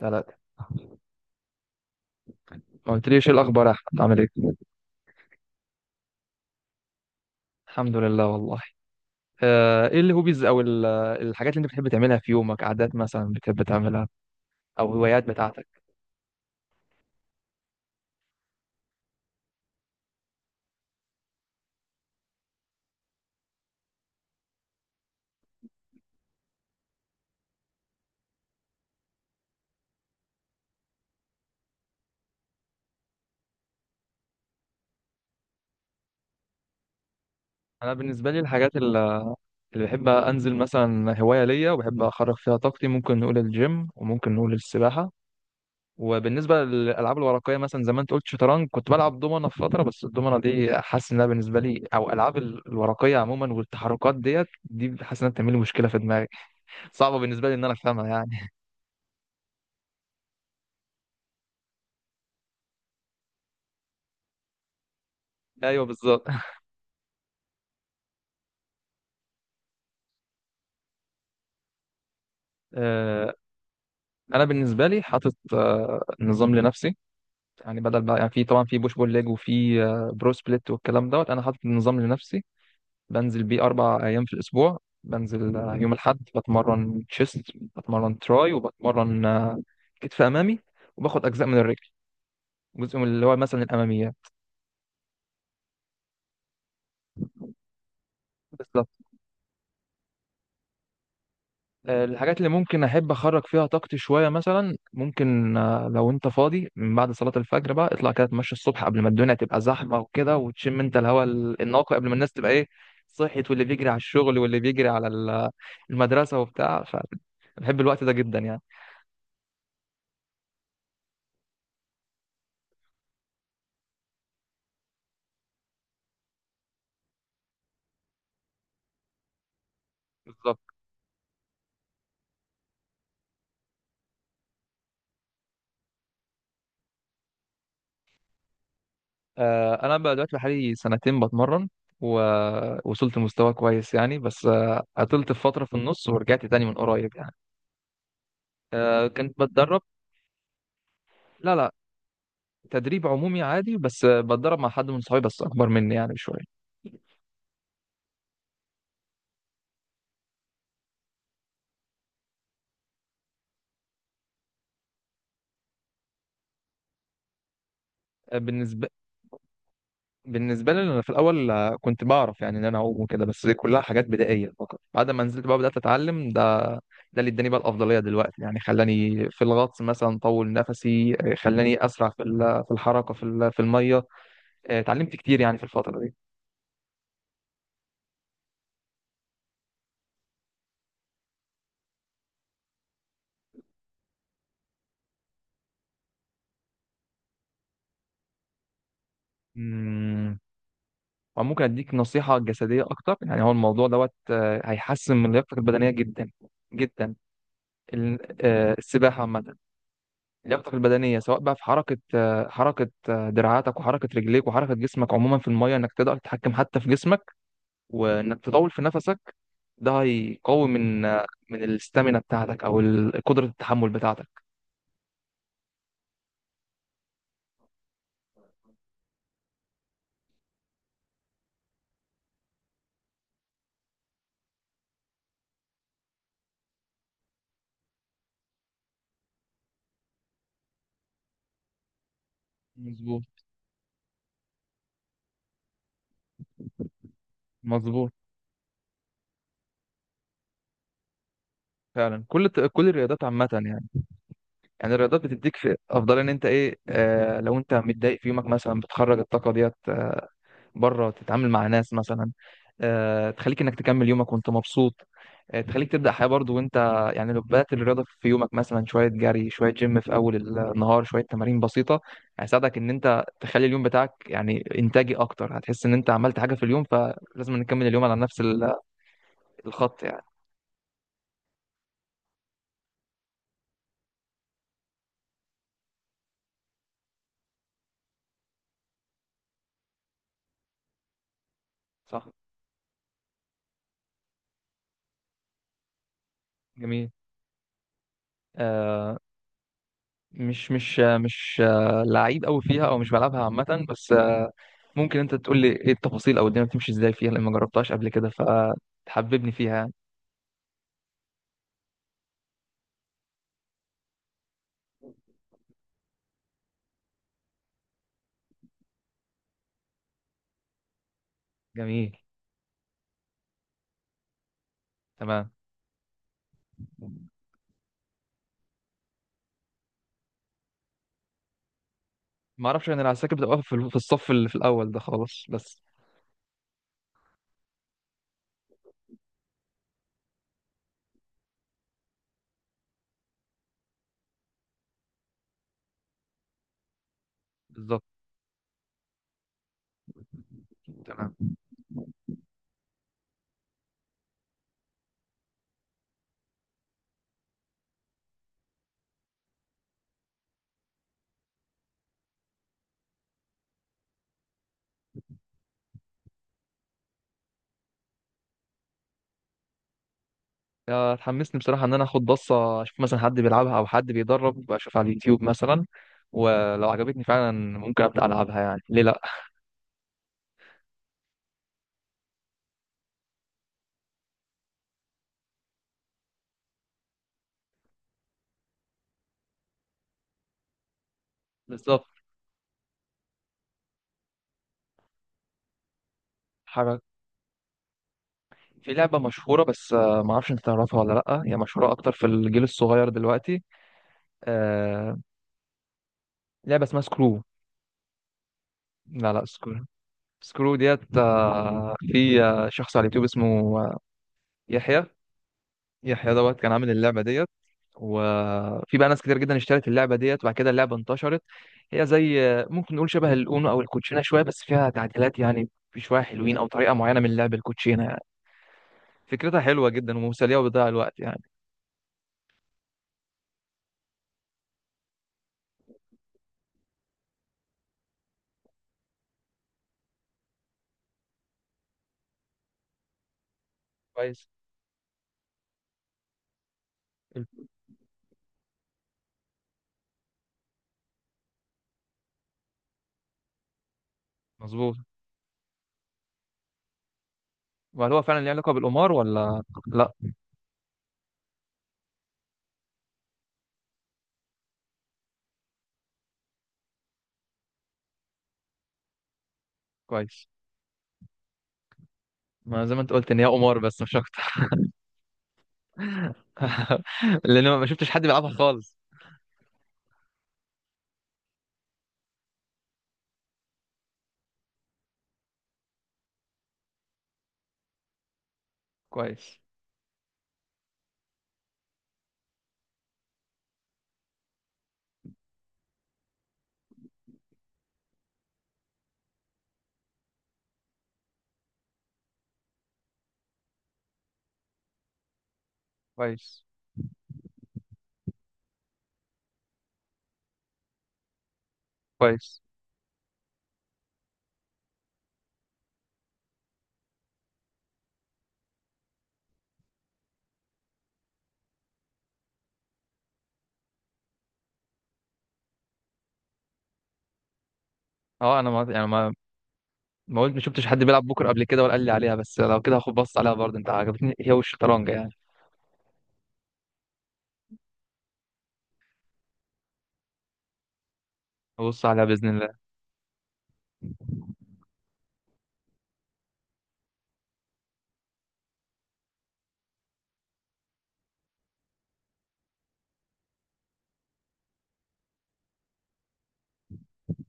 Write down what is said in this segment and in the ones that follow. ثلاثة. ما قلتليش ايه الاخبار يا احمد، عامل ايه؟ الحمد لله والله. ايه الهوبيز او الحاجات اللي انت بتحب تعملها في يومك، عادات مثلا بتحب تعملها او هوايات بتاعتك؟ انا بالنسبه لي الحاجات اللي بحب انزل، مثلا هوايه ليا وبحب اخرج فيها طاقتي، ممكن نقول الجيم وممكن نقول السباحه. وبالنسبه للالعاب الورقيه، مثلا زي ما انت قلت شطرنج، كنت بلعب دومنه في فتره، بس الدومنه دي حاسس انها بالنسبه لي، او الالعاب الورقيه عموما والتحركات دي، حاسس انها بتعمل لي مشكله في دماغي، صعبه بالنسبه لي ان انا افهمها يعني. ايوه، بالظبط. آه، انا بالنسبه لي حاطط نظام لنفسي، يعني بدل بقى، يعني في طبعا في بوش بول ليج وفي برو سبليت والكلام دوت، انا حاطط نظام لنفسي. بنزل بيه 4 ايام في الاسبوع. بنزل يوم الاحد بتمرن تشيست، بتمرن تراي، وبتمرن كتف امامي. وباخد اجزاء من الرجل، جزء من اللي هو مثلا الاماميات بس. الحاجات اللي ممكن احب اخرج فيها طاقتي شويه، مثلا ممكن، لو انت فاضي من بعد صلاه الفجر بقى اطلع كده اتمشى الصبح، قبل ما الدنيا تبقى زحمه وكده، وتشم انت الهواء النقي قبل ما الناس تبقى ايه، صحيت، واللي بيجري على الشغل واللي بيجري على المدرسه وبتاع، فبحب الوقت ده جدا يعني. بالظبط. انا بقى دلوقتي بقالي سنتين بتمرن، ووصلت لمستوى كويس يعني، بس عطلت في فتره في النص ورجعت تاني من قريب يعني. كنت بتدرب. لا، لا. تدريب عمومي عادي، بس بتدرب مع حد من صحابي بس اكبر مني يعني بشويه. بالنسبه بالنسبه لي انا في الاول، كنت بعرف يعني ان انا اعوم وكده، بس دي كلها حاجات بدائيه فقط، بعد ما نزلت بقى بدات اتعلم ده. ده اللي اداني بقى الافضليه دلوقتي يعني، خلاني في الغطس مثلا طول نفسي، خلاني اسرع في في الحركه، في في الميه. اتعلمت كتير يعني في الفتره دي. أمم، وممكن اديك نصيحه جسديه اكتر يعني، هو الموضوع دوت هيحسن من لياقتك البدنيه جدا جدا. ال- السباحه عامه، لياقتك البدنيه سواء بقى في حركه دراعاتك، وحركه رجليك، وحركه جسمك عموما في الميه، انك تقدر تتحكم حتى في جسمك، وانك تطول في نفسك. ده هيقوي من الاستامينا بتاعتك، او قدره التحمل بتاعتك. مظبوط. مظبوط. فعلا، كل الرياضات عامه يعني. يعني الرياضات بتديك في افضل، ان انت ايه، لو انت متضايق في يومك مثلا بتخرج الطاقه ديت، بره تتعامل مع ناس مثلا، تخليك انك تكمل يومك وانت مبسوط، تخليك تبدأ حياة برضو وانت، يعني لو بدأت الرياضة في يومك، مثلا شوية جري، شوية جيم في أول النهار، شوية تمارين بسيطة، هيساعدك إن أنت تخلي اليوم بتاعك يعني إنتاجي أكتر، هتحس إن أنت عملت حاجة في اليوم، فلازم نكمل اليوم على نفس الخط يعني. صح. جميل. آه مش لعيب قوي فيها أو مش بلعبها عامة، بس ممكن أنت تقول لي إيه التفاصيل أو الدنيا بتمشي إزاي فيها؟ لأن ما جربتهاش قبل كده، فتحببني فيها يعني. جميل. تمام. ما اعرفش يعني، العساكر بتبقى واقفة في في الصف اللي في الاول ده خالص بس. بالظبط. تمام. يا اتحمسني بصراحه ان انا اخد بصه، اشوف مثلا حد بيلعبها او حد بيدرب، اشوف على اليوتيوب مثلا. ولو عجبتني فعلا، ممكن ابدا العبها يعني، ليه لا. بالظبط. حاجه. في لعبه مشهوره بس، ما اعرفش انت تعرفها ولا لا، هي مشهوره اكتر في الجيل الصغير دلوقتي. آه، لعبه اسمها سكرو. لا، لا، سكرو. سكرو ديت، في شخص على اليوتيوب اسمه آه، يحيى. يحيى دوت كان عامل اللعبة ديت. وفي بقى ناس كتير جدا اشترت اللعبة ديت، وبعد كده اللعبة انتشرت. هي زي، ممكن نقول شبه الأونو أو الكوتشينة شوية، بس فيها تعديلات يعني، في شوية حلوين أو طريقة معينة من لعب الكوتشينة يعني. فكرتها حلوة جدا ومسلية وبتضيع الوقت يعني. كويس. مظبوط. وهل هو فعلا ليه علاقة بالقمار ولا لا؟ كويس. ما زي ما انت قلت ان هي قمار، بس مش اكتر. لان ما شفتش حد بيلعبها خالص. كويس، كويس، كويس. اه، انا ما يعني ما قلت ما شفتش حد بيلعب بكره قبل كده ولا قال لي عليها، بس لو كده هاخد بص عليها برضه، انت عجبتني هي والشطرنج يعني. هبص عليها باذن الله.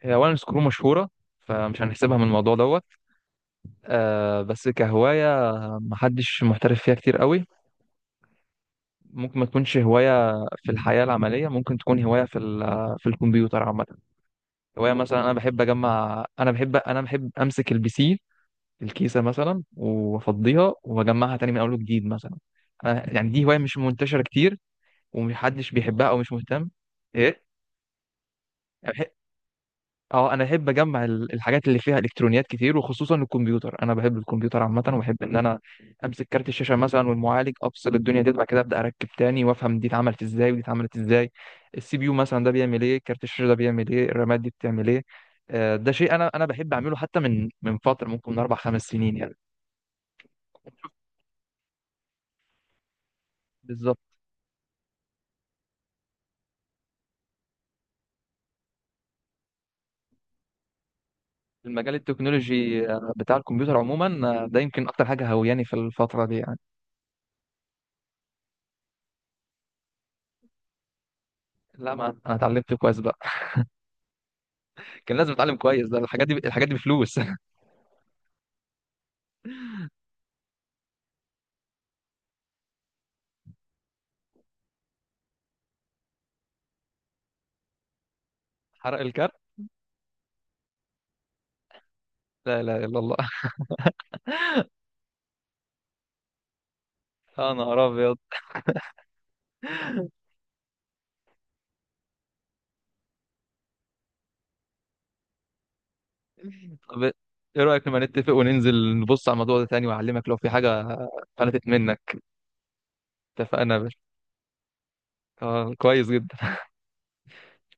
هي اولا سكرو مشهوره، فمش هنحسبها من الموضوع دوت. بس كهوايه محدش محترف فيها كتير قوي. ممكن ما تكونش هوايه في الحياه العمليه، ممكن تكون هوايه في في الكمبيوتر عامه. هوايه مثلا، انا بحب اجمع، انا بحب امسك الـPC، الكيسه مثلا، وافضيها واجمعها تاني من اول وجديد مثلا. يعني دي هوايه مش منتشره كتير، ومحدش بيحبها او مش مهتم. ايه؟ أنا بحب- اه، انا احب اجمع الحاجات اللي فيها الكترونيات كتير، وخصوصا الكمبيوتر. انا بحب الكمبيوتر عامه، وبحب ان انا امسك كارت الشاشه مثلا والمعالج، افصل الدنيا دي بعد كده ابدا اركب تاني، وافهم دي اتعملت ازاي ودي اتعملت ازاي. الـCPU مثلا ده بيعمل ايه، كارت الشاشه ده بيعمل ايه، الرامات دي بتعمل ايه. ده شيء انا بحب اعمله حتى من فتره، ممكن من 4 5 سنين يعني. بالظبط. المجال التكنولوجي بتاع الكمبيوتر عموما. ده يمكن اكتر حاجه هوياني في الفتره دي يعني. لا، ما انا اتعلمت كويس بقى. كان لازم اتعلم كويس، ده الحاجات دي بفلوس. حرق الكارت. لا، لا، الا الله. يا نهار ابيض. طب ايه رايك، لما نتفق وننزل نبص على الموضوع ده تاني، واعلمك لو في حاجه فلتت منك؟ اتفقنا يا باشا. كويس جدا.